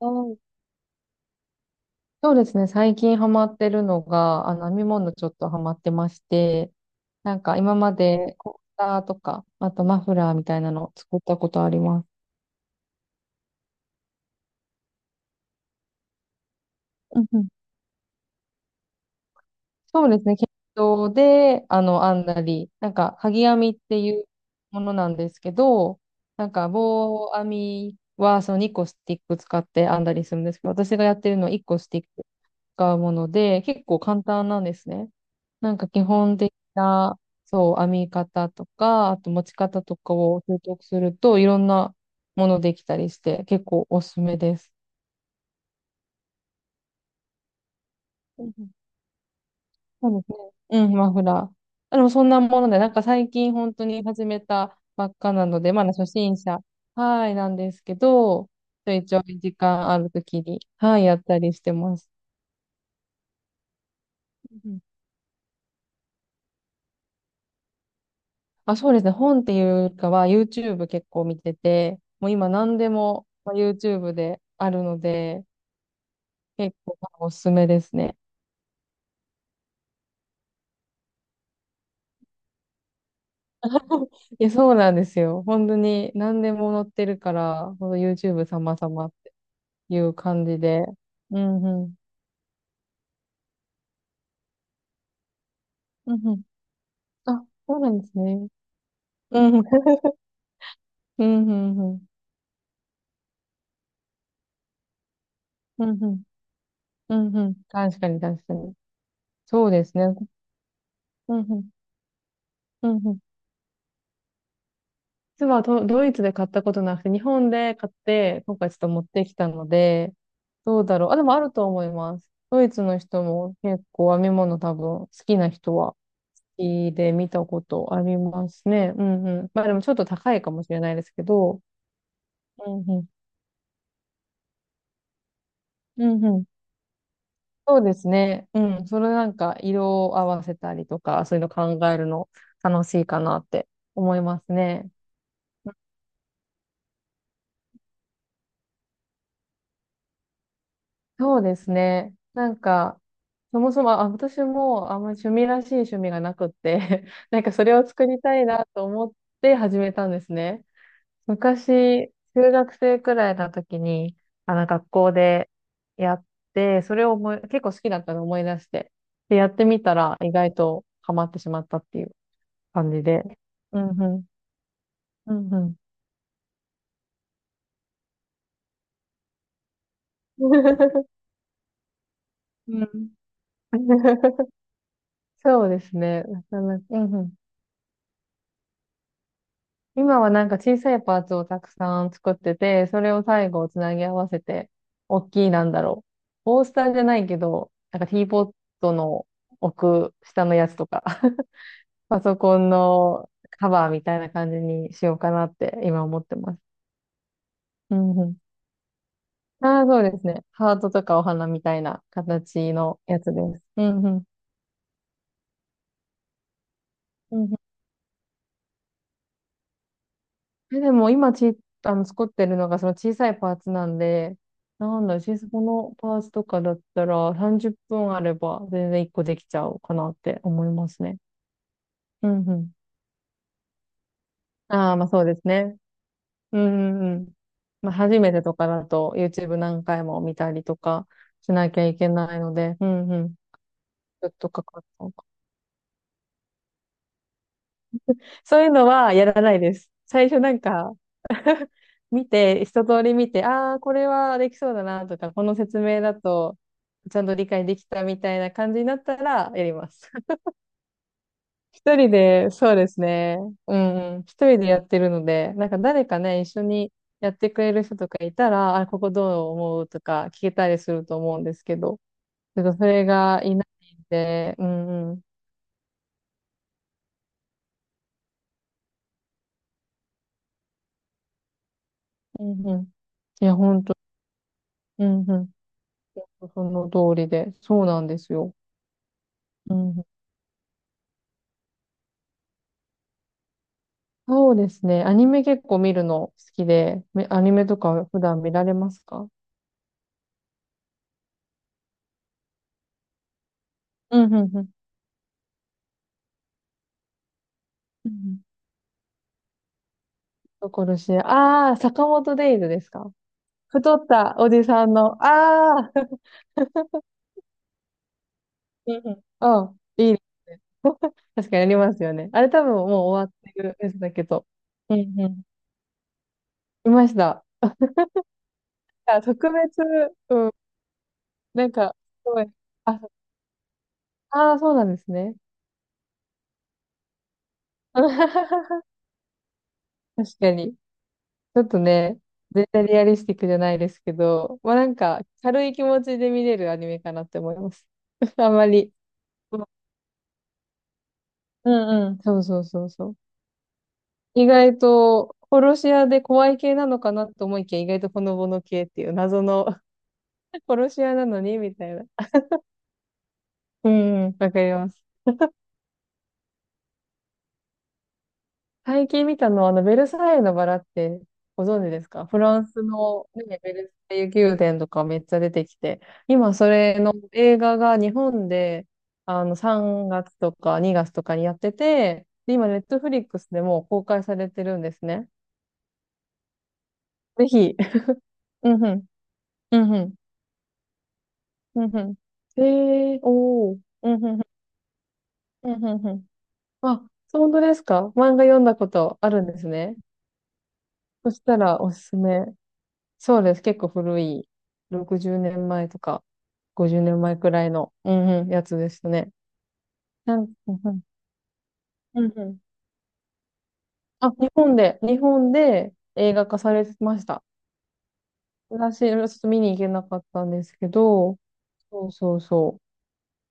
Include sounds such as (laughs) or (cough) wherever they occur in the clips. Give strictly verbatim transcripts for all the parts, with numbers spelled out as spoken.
うん。そうですね。最近ハマってるのが、あの、編み物ちょっとハマってまして、なんか今までコースターとか、あとマフラーみたいなのを作ったことあります。うんうん。そうですね。毛糸で、あの、編んだり、なんか、鍵編みっていうものなんですけど、なんか、棒編みは、そのにこスティック使って編んだりするんですけど、私がやってるのはいっこスティック使うもので、結構簡単なんですね。なんか基本的な、そう、編み方とか、あと持ち方とかを習得すると、いろんなものできたりして、結構おすすめです。うんうん。そうですね。うん、マフラー。でもそんなもので、なんか最近本当に始めたばっかなので、まだ初心者、はい、なんですけど、ちょいちょい時間あるときに、はい、やったりしてます。あ、そうですね。本っていうかは YouTube 結構見てて、もう今何でも、まあ、YouTube であるので、結構おすすめですね。(laughs) いや、そうなんですよ。本当に何でも載ってるから、ほんと YouTube 様々っていう感じで。うんうん。うんうん。あ、そうなんですね。うんうん。うんうんうん。うんうん。うんうん。確かに確かに。そうですね。うんうん。うんうん。実はド、ドイツで買ったことなくて、日本で買って、今回ちょっと持ってきたので、どうだろう。あ、でもあると思います。ドイツの人も結構編み物多分好きな人は好きで見たことありますね。うんうん。まあでもちょっと高いかもしれないですけど、うんうん。うんうん。そうですね。うん。それなんか色を合わせたりとか、そういうの考えるの楽しいかなって思いますね。そうですね。なんか、そもそも、あ、私もあんまり趣味らしい趣味がなくって (laughs) なんかそれを作りたいなと思って始めたんですね。昔、中学生くらいの時に、あの、学校でやって、それを思い、結構好きだったのを思い出して、で、やってみたら意外とハマってしまったっていう感じで。うんうん。うんうん。(laughs) うん。(laughs) そうですね。なかなか、うんうん。今はなんか小さいパーツをたくさん作ってて、それを最後つなぎ合わせて、大きいなんだろう。コースターじゃないけど、なんかティーポットの奥下のやつとか、(laughs) パソコンのカバーみたいな感じにしようかなって今思ってます。うんうん。ああ、そうですね。ハートとかお花みたいな形のやつです。うんうん。え、でも今ち、あの、作ってるのがその小さいパーツなんで、なんだろう、小さこのパーツとかだったらさんじゅっぷんあれば全然いっこできちゃうかなって思いますね。うんうん。ああ、まあそうですね。うんうんうん。まあ初めてとかだと YouTube 何回も見たりとかしなきゃいけないので、うんうん。ちょっとかかったのか。そういうのはやらないです。最初なんか、見て、一通り見て、ああ、これはできそうだなとか、この説明だと、ちゃんと理解できたみたいな感じになったらやります。(laughs) 一人で、そうですね。うんうん。一人でやってるので、なんか誰かね、一緒にやってくれる人とかいたら、あ、ここどう思うとか聞けたりすると思うんですけど、ちょっとそれがいないんで、うんうん。うんうん。いや、本当、うんうん。その通りで、そうなんですよ。うんうん。そうですね。アニメ結構見るの好きで、めアニメとか普段見られますか？うんうんうん。うんところし、ああ、坂本デイズですか？太ったおじさんの、あうん。 (laughs) うん、あ、うん、いい。確かにありますよね。あれ多分もう終わってるやつだけど、うんうん。いました。あ、特別、うん、なんか、すごい。あ、ああ、そうなんですね。(laughs) 確かに。ちょっとね、絶対リアリスティックじゃないですけど、まあなんか軽い気持ちで見れるアニメかなって思います。(laughs) あんまり。うんうん。そうそうそうそう。意外と、殺し屋で怖い系なのかなと思いきや、意外とほのぼの系っていう謎の。 (laughs) 殺し屋なのにみたいな。うんうん、わかります。最近見たのは、あの、ベルサイユのバラってご存知ですか？フランスの、ね、ベルサイユ宮殿とかめっちゃ出てきて、今それの映画が日本で、あの、さんがつとかにがつとかにやってて、で、今、ネットフリックスでもう公開されてるんですね。ぜひ。(laughs) うんうん。うんうん。うんうん。えー、おー。うんうんうん。うんうんうん。あ、そう本当ですか？漫画読んだことあるんですね。そしたらおすすめ。そうです。結構古い、ろくじゅうねんまえとかごじゅうねんまえくらいの、うんうん、やつですね。なん、うんうん、うんうん。あ、日本で、日本で映画化されてました。私、ちょっと見に行けなかったんですけど、そうそうそう。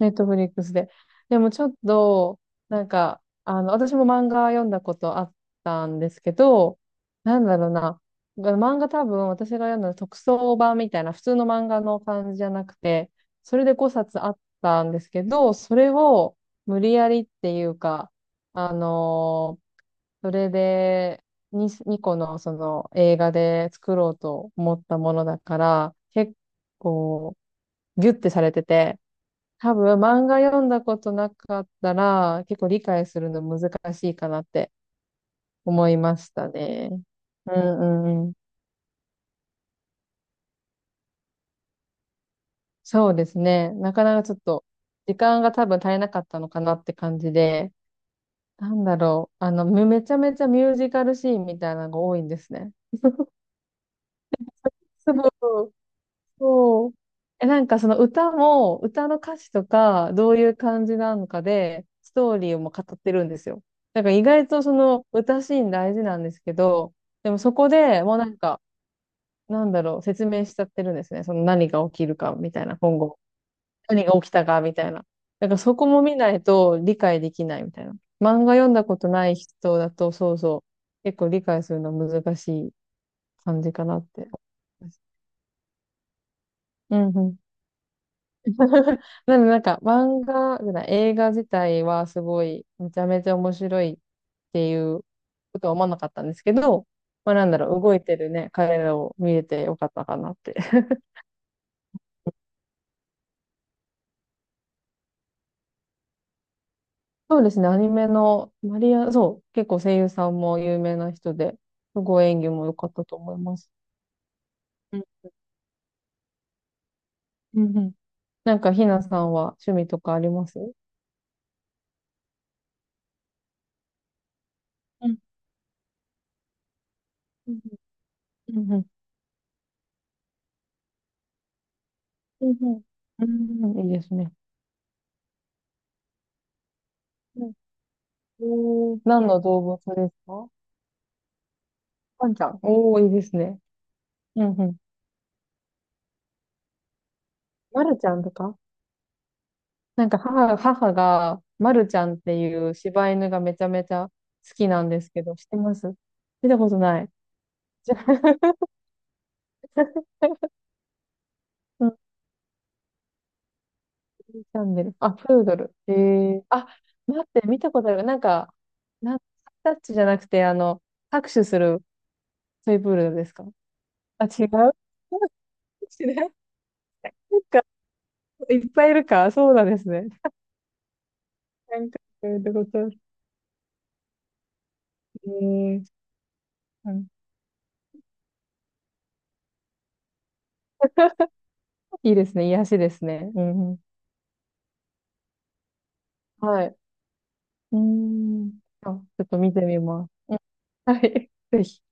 ネットフリックスで。でもちょっと、なんか、あの、私も漫画読んだことあったんですけど、なんだろうな。漫画多分私が読んだの特装版みたいな普通の漫画の感じじゃなくて、それでごさつあったんですけど、それを無理やりっていうか、あのーそれで2、にこのその映画で作ろうと思ったものだから、結構ギュッてされてて、多分漫画読んだことなかったら結構理解するの難しいかなって思いましたね。うんうんうん。そうですね。なかなかちょっと時間が多分足りなかったのかなって感じで、なんだろう。あの、めめちゃめちゃミュージカルシーンみたいなのが多いんですね。そうそう。え、なんかその歌も、歌の歌詞とか、どういう感じなのかで、ストーリーをもう語ってるんですよ。だから意外とその歌シーン大事なんですけど、でもそこでもうなんか、なんだろう、説明しちゃってるんですね。その何が起きるかみたいな、今後。何が起きたかみたいな。だからそこも見ないと理解できないみたいな。漫画読んだことない人だと、そうそう、結構理解するの難しい感じかなって思います。うん。 (laughs) なのでなんか漫画じゃない、映画自体はすごいめちゃめちゃ面白いっていうことは思わなかったんですけど、まあなんだろう、動いてるね、彼らを見れてよかったかなって。(laughs) そうですね、アニメのマリア、そう、結構声優さんも有名な人で、すごい演技も良かったと思います。うんうんうん。なんかひなさんは趣味とかありますう？んうんうんうんうんうんうんうん、いいですね。うん。えー何の動物ですか？ワンちゃん。おー、いいですね。うんうん。まるちゃんとか、なんか母、母が、まるちゃんっていう柴犬がめちゃめちゃ好きなんですけど、知ってます？見たことない。(laughs) じゃあ、(laughs) うん、チャンネル。あ、プードル。えー、あ、待って、見たことある。なんか、なんタッチじゃなくて、あの、拍手するトイプードルですか？あ、違う。 (laughs) 違う。なんか、いっぱいいるか。そうなんですね。なんか、どういうこと？えー、うん。 (laughs) いいですね。癒しですね。うんうん。はい。うーん。あ、ちょっと見てみます。はい。ぜひ。